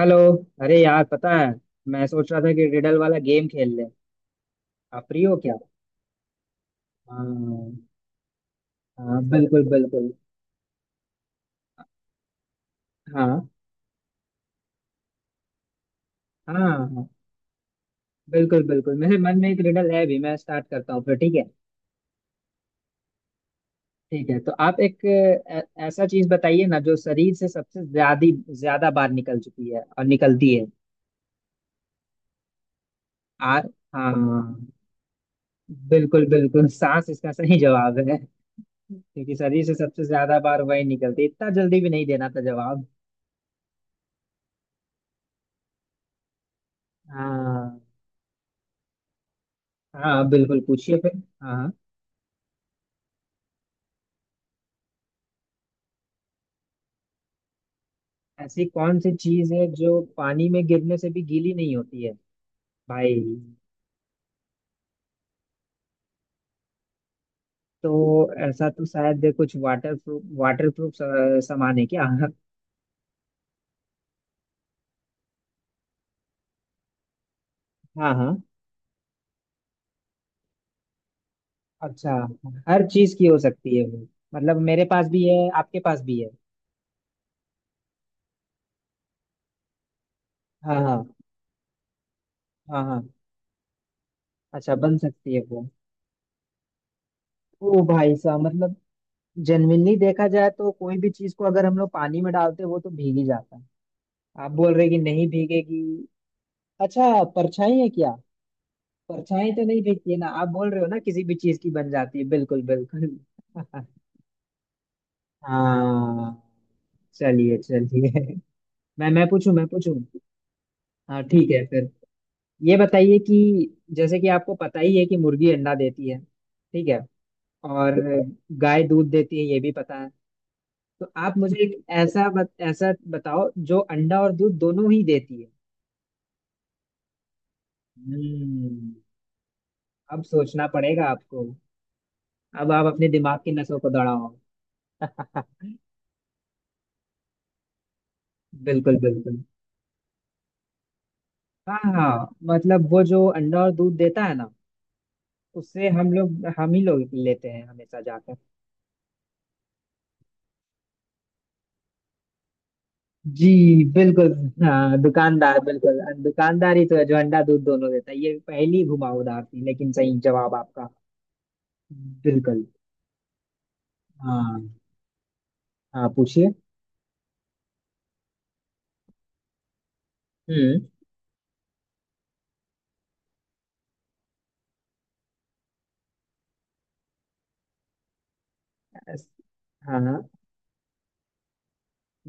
Hello. अरे यार पता है, मैं सोच रहा था कि रिडल वाला गेम खेल ले। आप फ्री हो क्या? हाँ, हाँ बिल्कुल बिल्कुल। हाँ। हाँ हाँ बिल्कुल बिल्कुल। मेरे मन में एक रिडल है भी, मैं स्टार्ट करता हूँ फिर, ठीक है? ठीक है, तो आप एक ऐसा चीज बताइए ना जो शरीर से सबसे ज्यादा ज्यादा बार निकल चुकी है और निकलती है। आ। हाँ बिल्कुल बिल्कुल, सांस इसका सही जवाब है। क्योंकि शरीर से सबसे ज्यादा बार वही निकलती है। इतना जल्दी भी नहीं देना था जवाब। हाँ। हाँ बिल्कुल पूछिए फिर। हाँ हाँ। ऐसी कौन सी चीज है जो पानी में गिरने से भी गीली नहीं होती है? भाई, तो ऐसा तो शायद कुछ वाटर प्रूफ सामान है क्या? हाँ हाँ। अच्छा, हर चीज की हो सकती है वो? मतलब मेरे पास भी है आपके पास भी है? हाँ हाँ। हाँ हाँ। अच्छा, बन सकती है वो? ओ भाई साहब, मतलब जेन्युइनली देखा जाए तो कोई भी चीज को अगर हम लोग पानी में डालते वो तो भीग ही जाता है। आप बोल रहे कि नहीं भीगेगी? अच्छा, परछाई है क्या? परछाई तो नहीं फेंकती है ना, आप बोल रहे हो ना किसी भी चीज की बन जाती है, बिल्कुल बिल्कुल। हाँ। चलिए चलिए। मैं पूछूं मैं पूछूं। हाँ ठीक है फिर। ये बताइए कि जैसे कि आपको पता ही है कि मुर्गी अंडा देती है, ठीक है? और गाय दूध देती है, ये भी पता है। तो आप मुझे एक ऐसा बताओ जो अंडा और दूध दोनों ही देती है। हम्म। अब सोचना पड़ेगा आपको। अब आप अपने दिमाग की नसों को दौड़ाओ। बिल्कुल बिल्कुल। हाँ हाँ, मतलब वो जो अंडा और दूध देता है ना, उससे हम लोग हम ही लोग लेते हैं हमेशा जाकर। जी। बिल्कुल। हाँ, दुकानदार बिल्कुल, दुकानदार ही तो है जो अंडा दूध दोनों देता है। ये पहली घुमावदार थी लेकिन सही जवाब आपका। बिल्कुल। हाँ हाँ पूछिए। हम्म। हाँ हाँ,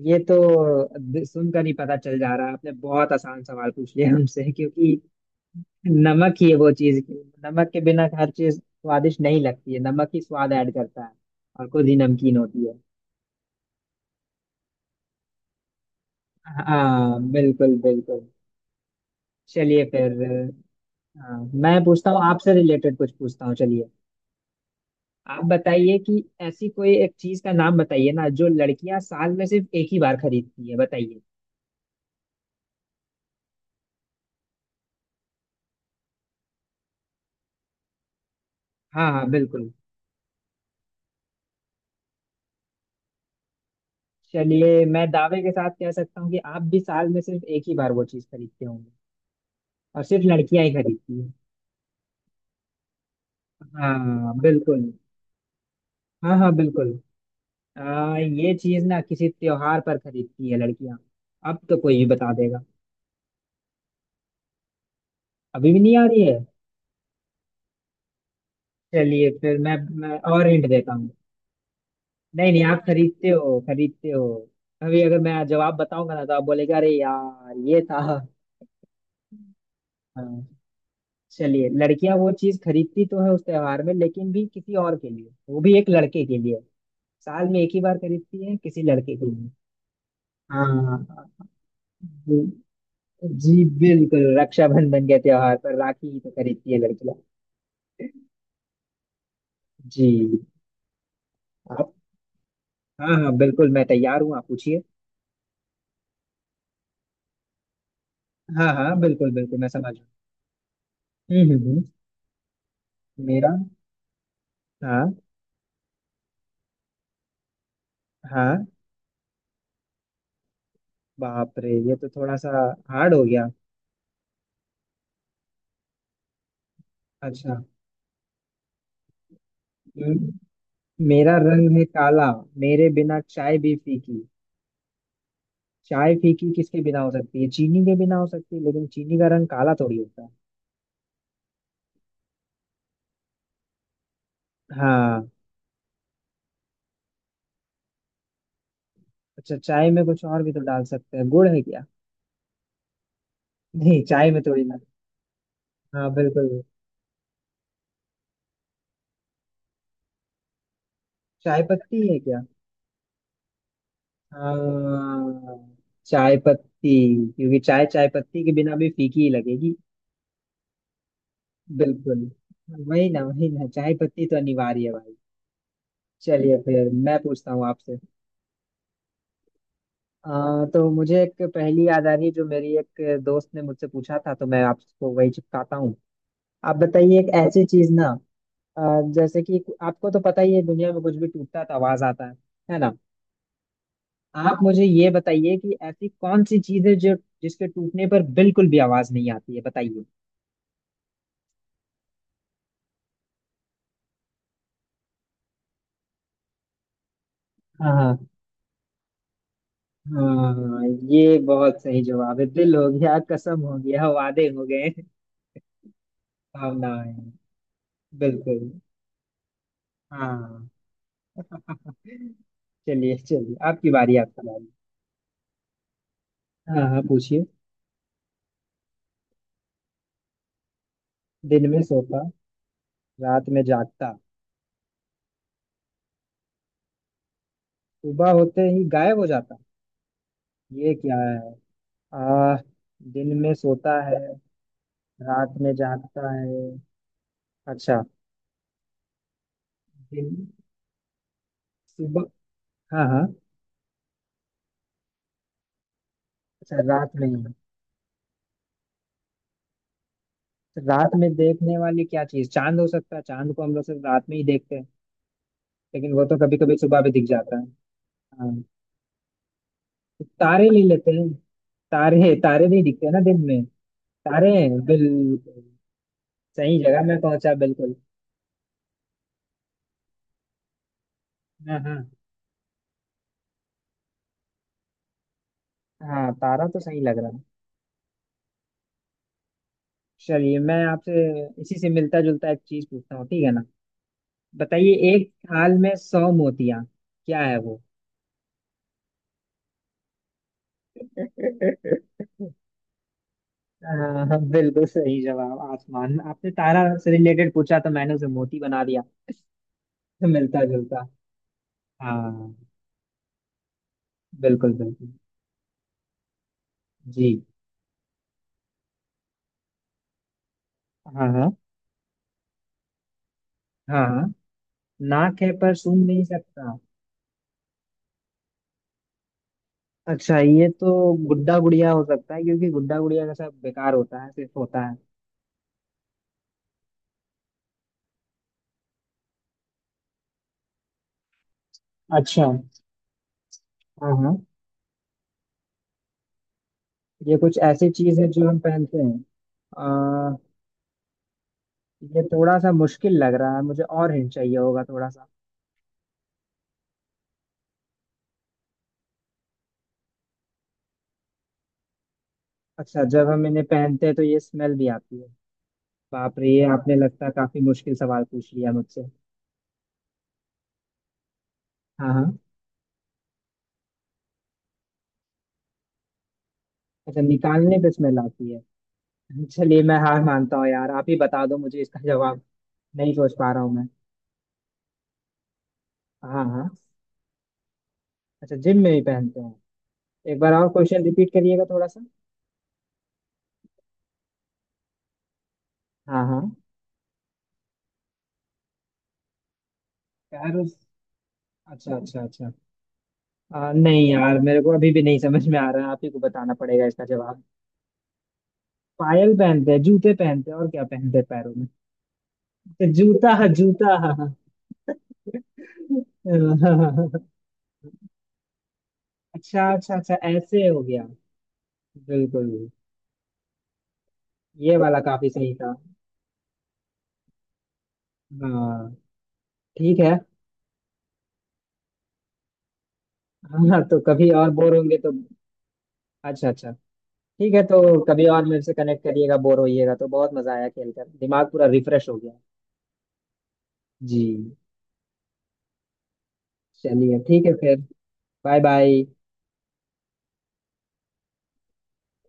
ये तो सुनकर ही पता चल जा रहा है, आपने बहुत आसान सवाल पूछ लिया हमसे, क्योंकि नमक ही है वो चीज की। नमक के बिना हर चीज स्वादिष्ट नहीं लगती है, नमक ही स्वाद ऐड करता है। और खुद ही नमकीन होती है। हाँ बिल्कुल बिल्कुल। चलिए फिर। हाँ, मैं पूछता हूँ आपसे, रिलेटेड कुछ पूछता हूँ, चलिए। आप बताइए कि ऐसी कोई एक चीज का नाम बताइए ना जो लड़कियां साल में सिर्फ एक ही बार खरीदती है, बताइए। हाँ हाँ बिल्कुल। चलिए, मैं दावे के साथ कह सकता हूँ कि आप भी साल में सिर्फ एक ही बार वो चीज खरीदते होंगे। और सिर्फ लड़कियां ही खरीदती है। हाँ बिल्कुल। हाँ हाँ बिल्कुल। ये चीज ना किसी त्योहार पर खरीदती है लड़कियां। अब तो कोई भी बता देगा। अभी भी नहीं आ रही है? चलिए फिर मैं और हिंट देता हूँ। नहीं नहीं, आप खरीदते हो खरीदते हो। अभी अगर मैं जवाब बताऊंगा ना तो आप बोलेगा अरे यार ये था। हाँ। चलिए, लड़कियां वो चीज खरीदती तो है उस त्योहार में लेकिन भी किसी और के लिए, वो भी एक लड़के के लिए। साल में एक ही बार खरीदती है किसी लड़के के लिए। हाँ हाँ, हाँ, हाँ, हाँ। जी बिल्कुल, रक्षाबंधन के त्योहार पर राखी ही तो खरीदती है लड़कियां। जी। आप। हाँ हाँ बिल्कुल, मैं तैयार हूँ आप पूछिए। हाँ हाँ बिल्कुल बिल्कुल, मैं समझ रहा हूँ। हम्म। मेरा। हाँ। हाँ। बाप रे, ये तो थोड़ा सा हार्ड हो गया। अच्छा। हम्म। मेरा रंग है काला, मेरे बिना चाय भी फीकी। चाय फीकी किसके बिना हो सकती है? चीनी के बिना हो सकती है लेकिन चीनी का रंग काला थोड़ी होता है। हाँ। अच्छा, चाय में कुछ और भी तो डाल सकते हैं, गुड़ है क्या? नहीं, चाय में थोड़ी ना। हाँ बिल्कुल। चाय पत्ती है क्या? हाँ, चाय पत्ती। क्योंकि चाय चाय पत्ती के बिना भी फीकी ही लगेगी। बिल्कुल। वही ना चाय पत्ती तो अनिवार्य है भाई। चलिए फिर मैं पूछता हूँ आपसे। तो मुझे एक पहेली याद आ रही है जो मेरी एक दोस्त ने मुझसे पूछा था तो मैं आपको वही चिपकाता हूँ। आप बताइए एक ऐसी चीज ना, अ, जैसे कि आपको तो पता ही है दुनिया में कुछ भी टूटता है तो आवाज आता है ना? आप मुझे ये बताइए कि ऐसी कौन सी चीज है जो, जिसके टूटने पर बिल्कुल भी आवाज नहीं आती है, बताइए। हाँ हाँ। ये बहुत सही जवाब है, दिल हो गया, कसम हो गया, वादे हो गए, भावनाएं। बिल्कुल। हाँ। चलिए चलिए, आपकी बारी आपका बारी। हाँ हाँ पूछिए। दिन में सोता, रात में जागता, सुबह होते ही गायब हो जाता, ये क्या है? आ। दिन में सोता है, रात में जागता है। अच्छा। दिन। सुबह। हाँ हाँ। अच्छा, रात में ही? तो रात में देखने वाली क्या चीज, चांद हो सकता है? चांद को हम लोग सिर्फ रात में ही देखते हैं, लेकिन वो तो कभी कभी सुबह भी दिख जाता है। हाँ, तो तारे ले लेते हैं। तारे तारे नहीं दिखते ना दिन में। तारे हैं बिल्कुल। सही जगह में पहुंचा बिल्कुल। हाँ। हाँ हाँ। तारा तो सही लग रहा है। चलिए मैं आपसे इसी से मिलता जुलता एक चीज पूछता हूँ, ठीक है ना? बताइए, एक थाल में सौ मोतियां, क्या है वो? हाँ हाँ, बिल्कुल सही जवाब आसमान। आपने तारा से रिलेटेड पूछा तो मैंने उसे मोती बना दिया। तो मिलता जुलता। हाँ बिल्कुल बिल्कुल। जी। हाँ हाँ। हाँ हाँ। नाक है पर सूंघ नहीं सकता। अच्छा, ये तो गुड्डा गुड़िया हो सकता है, क्योंकि गुड्डा गुड़िया का सब बेकार होता है, सिर्फ होता है। अच्छा। हाँ हाँ। ये कुछ ऐसी चीज है जो हम पहनते हैं? आ, ये थोड़ा सा मुश्किल लग रहा है मुझे, और हिंट चाहिए होगा थोड़ा सा। अच्छा, जब हम इन्हें पहनते हैं तो ये स्मेल भी आती है? बाप रे, ये आपने लगता है काफी मुश्किल सवाल पूछ लिया मुझसे। हाँ हाँ। अच्छा, निकालने पे स्मेल आती है। चलिए मैं हार मानता हूँ यार, आप ही बता दो मुझे इसका जवाब। नहीं सोच पा रहा हूँ मैं। हाँ हाँ। अच्छा, जिम में भी पहनते हैं। एक बार और क्वेश्चन रिपीट करिएगा थोड़ा सा। हाँ हाँ। यार उस, अच्छा अच्छा अच्छा। नहीं यार मेरे को अभी भी नहीं समझ में आ रहा है, आप ही को बताना पड़ेगा इसका जवाब। पायल पहनते हैं, जूते पहनते हैं, और क्या पहनते हैं पैरों में? अच्छा, जूता जूता। हाँ, हाँ, हाँ। अच्छा अच्छा अच्छा, ऐसे हो गया। बिल्कुल। ये वाला काफी सही था। हाँ। ठीक है। हाँ तो कभी और बोर होंगे तो। अच्छा अच्छा। ठीक है, तो कभी और मेरे से कनेक्ट करिएगा, बोर होइएगा तो। बहुत मजा आया खेलकर, दिमाग पूरा रिफ्रेश हो गया। जी। चलिए ठीक है फिर। Bye bye.